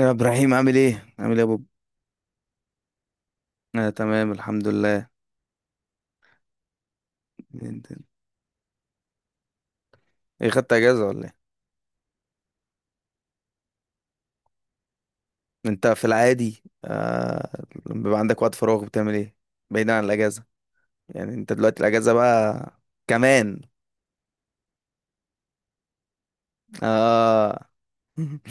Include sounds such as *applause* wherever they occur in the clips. يا ابراهيم، عامل ايه عامل ايه يا بوب؟ انا تمام، الحمد لله. انت ايه، خدت اجازه ولا ايه؟ انت في العادي، لما بيبقى عندك وقت فراغ بتعمل ايه؟ بعيدا عن الاجازه. يعني انت دلوقتي الاجازه بقى. كمان. اه. *laughs*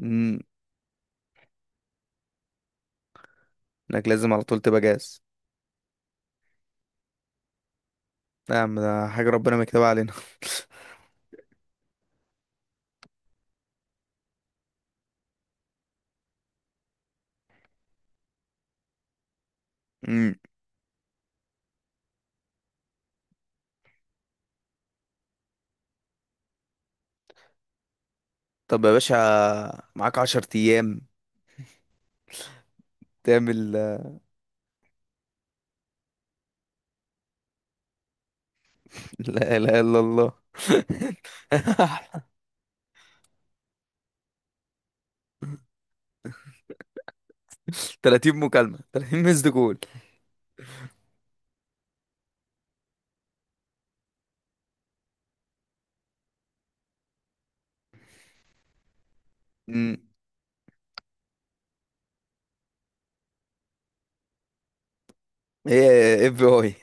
أمم، انك لازم على طول تبقى جاهز. لا يا عم، ده حاجه ربنا مكتوبه علينا. *laughs* أمم، طب يا باشا، معاك 10 ايام تعمل. *laughs* لا اله الا الله. *laughs* 30 مكالمه، 30 مسد كول. امم FBI.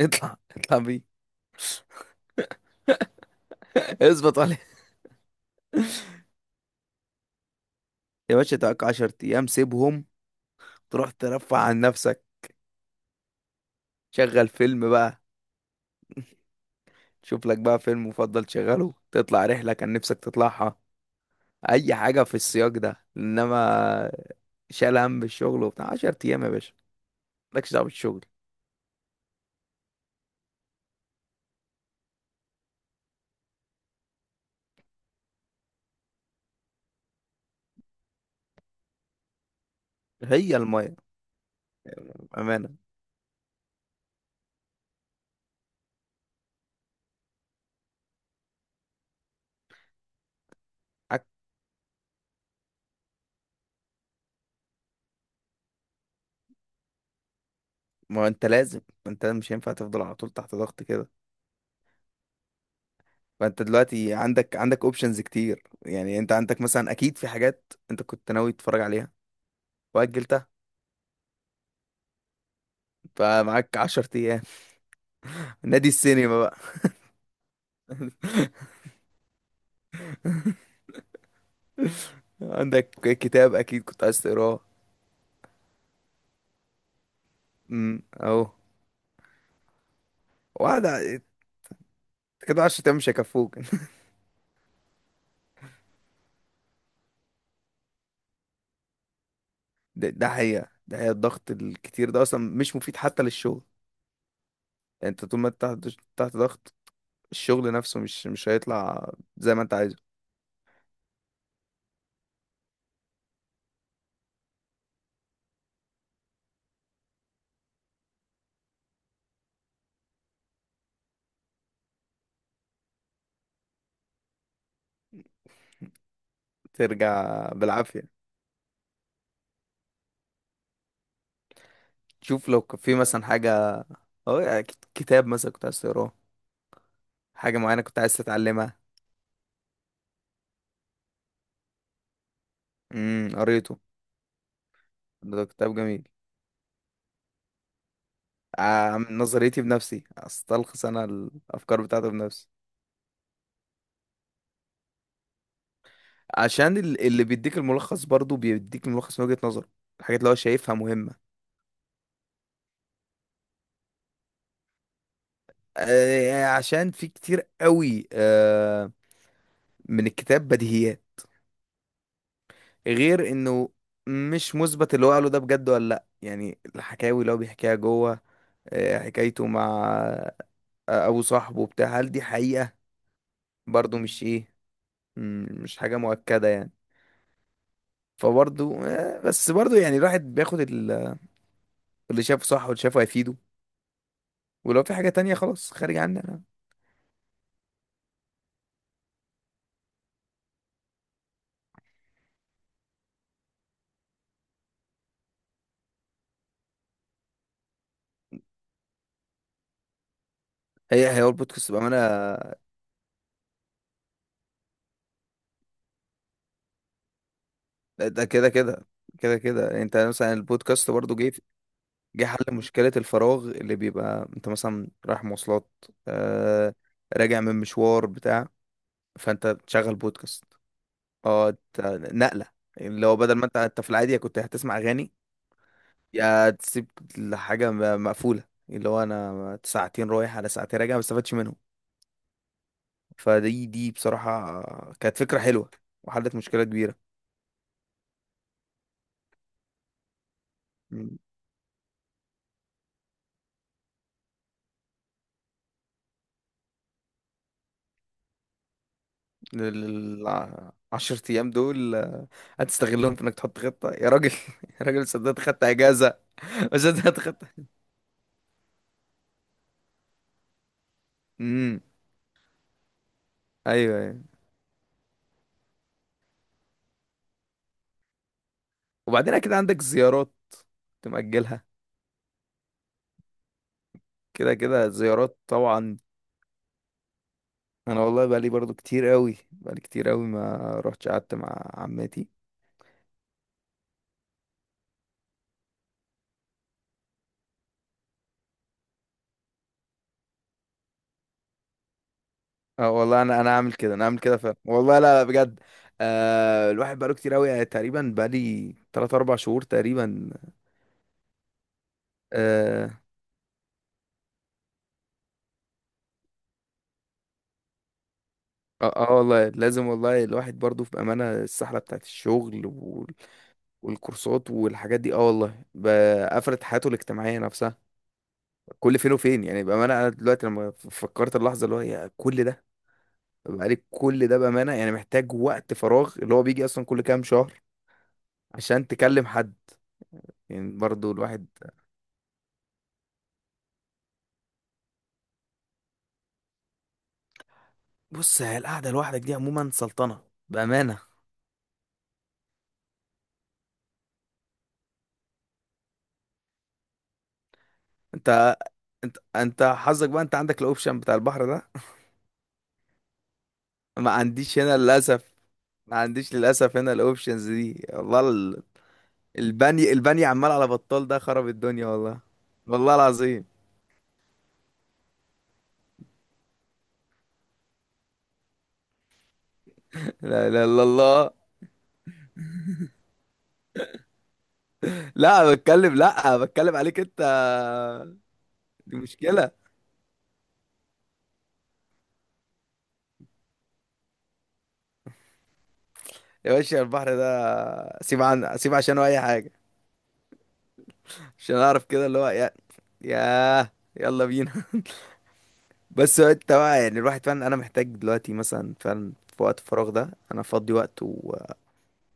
اطلع اطلع بيه! اثبت عليه. يا باشا، تقعد 10 ايام سيبهم. تروح ترفع عن نفسك. شغل فيلم بقى. شوف لك بقى فيلم مفضل تشغله، تطلع رحلة كان نفسك تطلعها. اي حاجة في السياق ده، انما شال هم الشغل وبتاع 10 ايام يا باشا. مالكش دعوة بالشغل. هي المية. بأمانة. حك- ما انت مش هينفع تفضل على طول تحت ضغط كده. فانت دلوقتي عندك اوبشنز كتير. يعني انت عندك مثلا اكيد في حاجات انت كنت ناوي تتفرج عليها، واجلتها. فمعاك 10 ايام، نادي السينما بقى. *laughs* عندك كتاب اكيد كنت عايز تقراه. اهو. واحدة كده، 10 ايام مش هيكفوك. *laughs* ده حقيقة، ده حقيقة الضغط الكتير ده اصلا مش مفيد حتى للشغل. يعني انت طول ما انت تحت ضغط، الشغل نفسه مش هيطلع زي ما انت عايزه. ترجع بالعافية. شوف لو كان في مثلا حاجة، اهو يعني كتاب مثلا كنت عايز تقراه. حاجة معينة كنت عايز تتعلمها. قريته. ده كتاب جميل. عن نظريتي بنفسي استلخص انا الافكار بتاعته بنفسي. عشان اللي بيديك الملخص برضو بيديك الملخص من وجهة نظره، الحاجات اللي هو شايفها مهمة. عشان في كتير قوي من الكتاب بديهيات، غير انه مش مثبت اللي هو قاله ده بجد ولا لا، يعني الحكاوي اللي هو بيحكيها جوه. حكايته مع ابو صاحبه بتاع، هل دي حقيقة؟ برضو مش ايه. مش حاجة مؤكدة يعني. فبرضو بس برضو يعني الواحد بياخد اللي شافه صح واللي شافه هيفيده. ولو في حاجة تانية خلاص، خارج عني أنا. هي هي هو البودكاست بأمانة. ده كده كده، كده كده انت مثلا البودكاست برضو جه حل مشكلة الفراغ اللي بيبقى انت مثلا رايح مواصلات، آه راجع من مشوار بتاع، فانت تشغل بودكاست. اه، نقلة، اللي هو بدل ما انت في العادي كنت هتسمع أغاني، يا تسيب الحاجة مقفولة، اللي هو انا ساعتين رايح على ساعتين راجع ما استفدتش منهم. فدي بصراحة، كانت فكرة حلوة وحلت مشكلة كبيرة. مم. لل- 10 أيام دول هتستغلهم في إنك تحط خطة يا راجل! *laughs* يا راجل صدقت خدت أجازة. وصدقت خدت. امم أيوه أيوه. وبعدين أكيد عندك زيارات تمأجلها. كده كده زيارات طبعا. أنا والله بقالي برضو كتير قوي، بقالي كتير قوي ما رحتش قعدت مع عماتي. اه والله، انا عامل كده، انا عامل كده فعلا والله، لا لا بجد. الواحد بقاله كتير قوي، يعني تقريبا بقالي 3 4 شهور تقريبا. اه اه. والله لازم، والله الواحد برضو في امانه السحله بتاعت الشغل والكورسات والحاجات دي، والله قفلت حياته الاجتماعيه نفسها كل فين وفين. يعني بامانه انا دلوقتي لما فكرت اللحظه اللي هو، يا كل ده، بقالي كل ده بامانه، يعني محتاج وقت فراغ اللي هو بيجي اصلا كل كام شهر عشان تكلم حد. يعني برضو الواحد. بص، هي القعده لوحدك دي عموما سلطنه بامانه. انت انت حظك بقى، انت عندك الاوبشن بتاع البحر ده. *laughs* ما عنديش هنا للاسف. ما عنديش للاسف هنا الاوبشنز دي، والله البني عمال على بطال ده خرب الدنيا، والله. والله العظيم. *laughs* لا اله الا الله لا بتكلم عليك انت. دي مشكله. يا باشا، البحر ده سيب عن سيب عشانه اي حاجه، عشان اعرف كده اللي هو ياه، يلا بينا. *laughs* بس هو انت بقى، يعني الواحد فعلا انا محتاج دلوقتي مثلا، فعلا في وقت الفراغ ده انا افضي وقت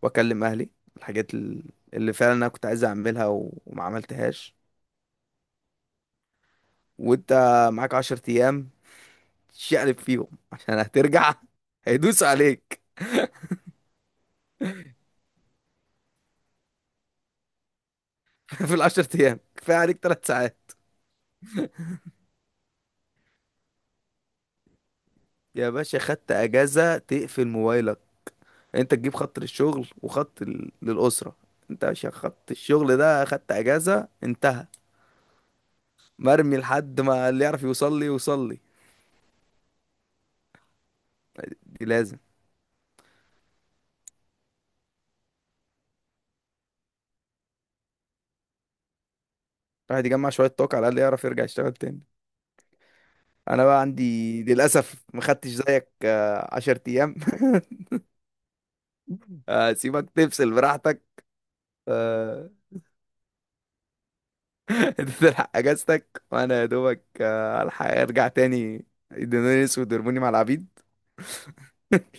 واكلم اهلي، الحاجات اللي فعلا انا كنت عايز اعملها و... وما عملتهاش. وانت معاك 10 ايام شقلب فيهم عشان هترجع *laughs* هيدوس عليك. *laughs* في العشر ايام كفايه عليك 3 ساعات. يا باشا، خدت اجازه تقفل موبايلك. انت تجيب خط للشغل وخط للاسره. انت عشان خط الشغل ده خدت اجازه، انتهى. مرمي، لحد ما اللي يعرف يوصل لي يوصل لي. دي لازم. الواحد يجمع شوية طاقة على الأقل يعرف يرجع يشتغل تاني. أنا بقى عندي للأسف ما خدتش زيك 10 أيام. *laughs* أسيبك تفصل براحتك آه، *laughs* أنت تلحق أجازتك وأنا يا دوبك ألحق أرجع تاني، يدوني أسود ويرموني مع العبيد، *laughs*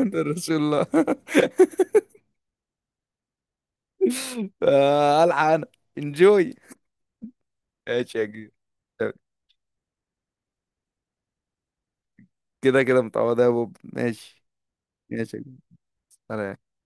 عند رسول الله. *laughs* ألحق أنا انجوي. ماشي يا كبير. كده كده متعوضة يا بوب، ماشي. ماشي يا كبير. سلام.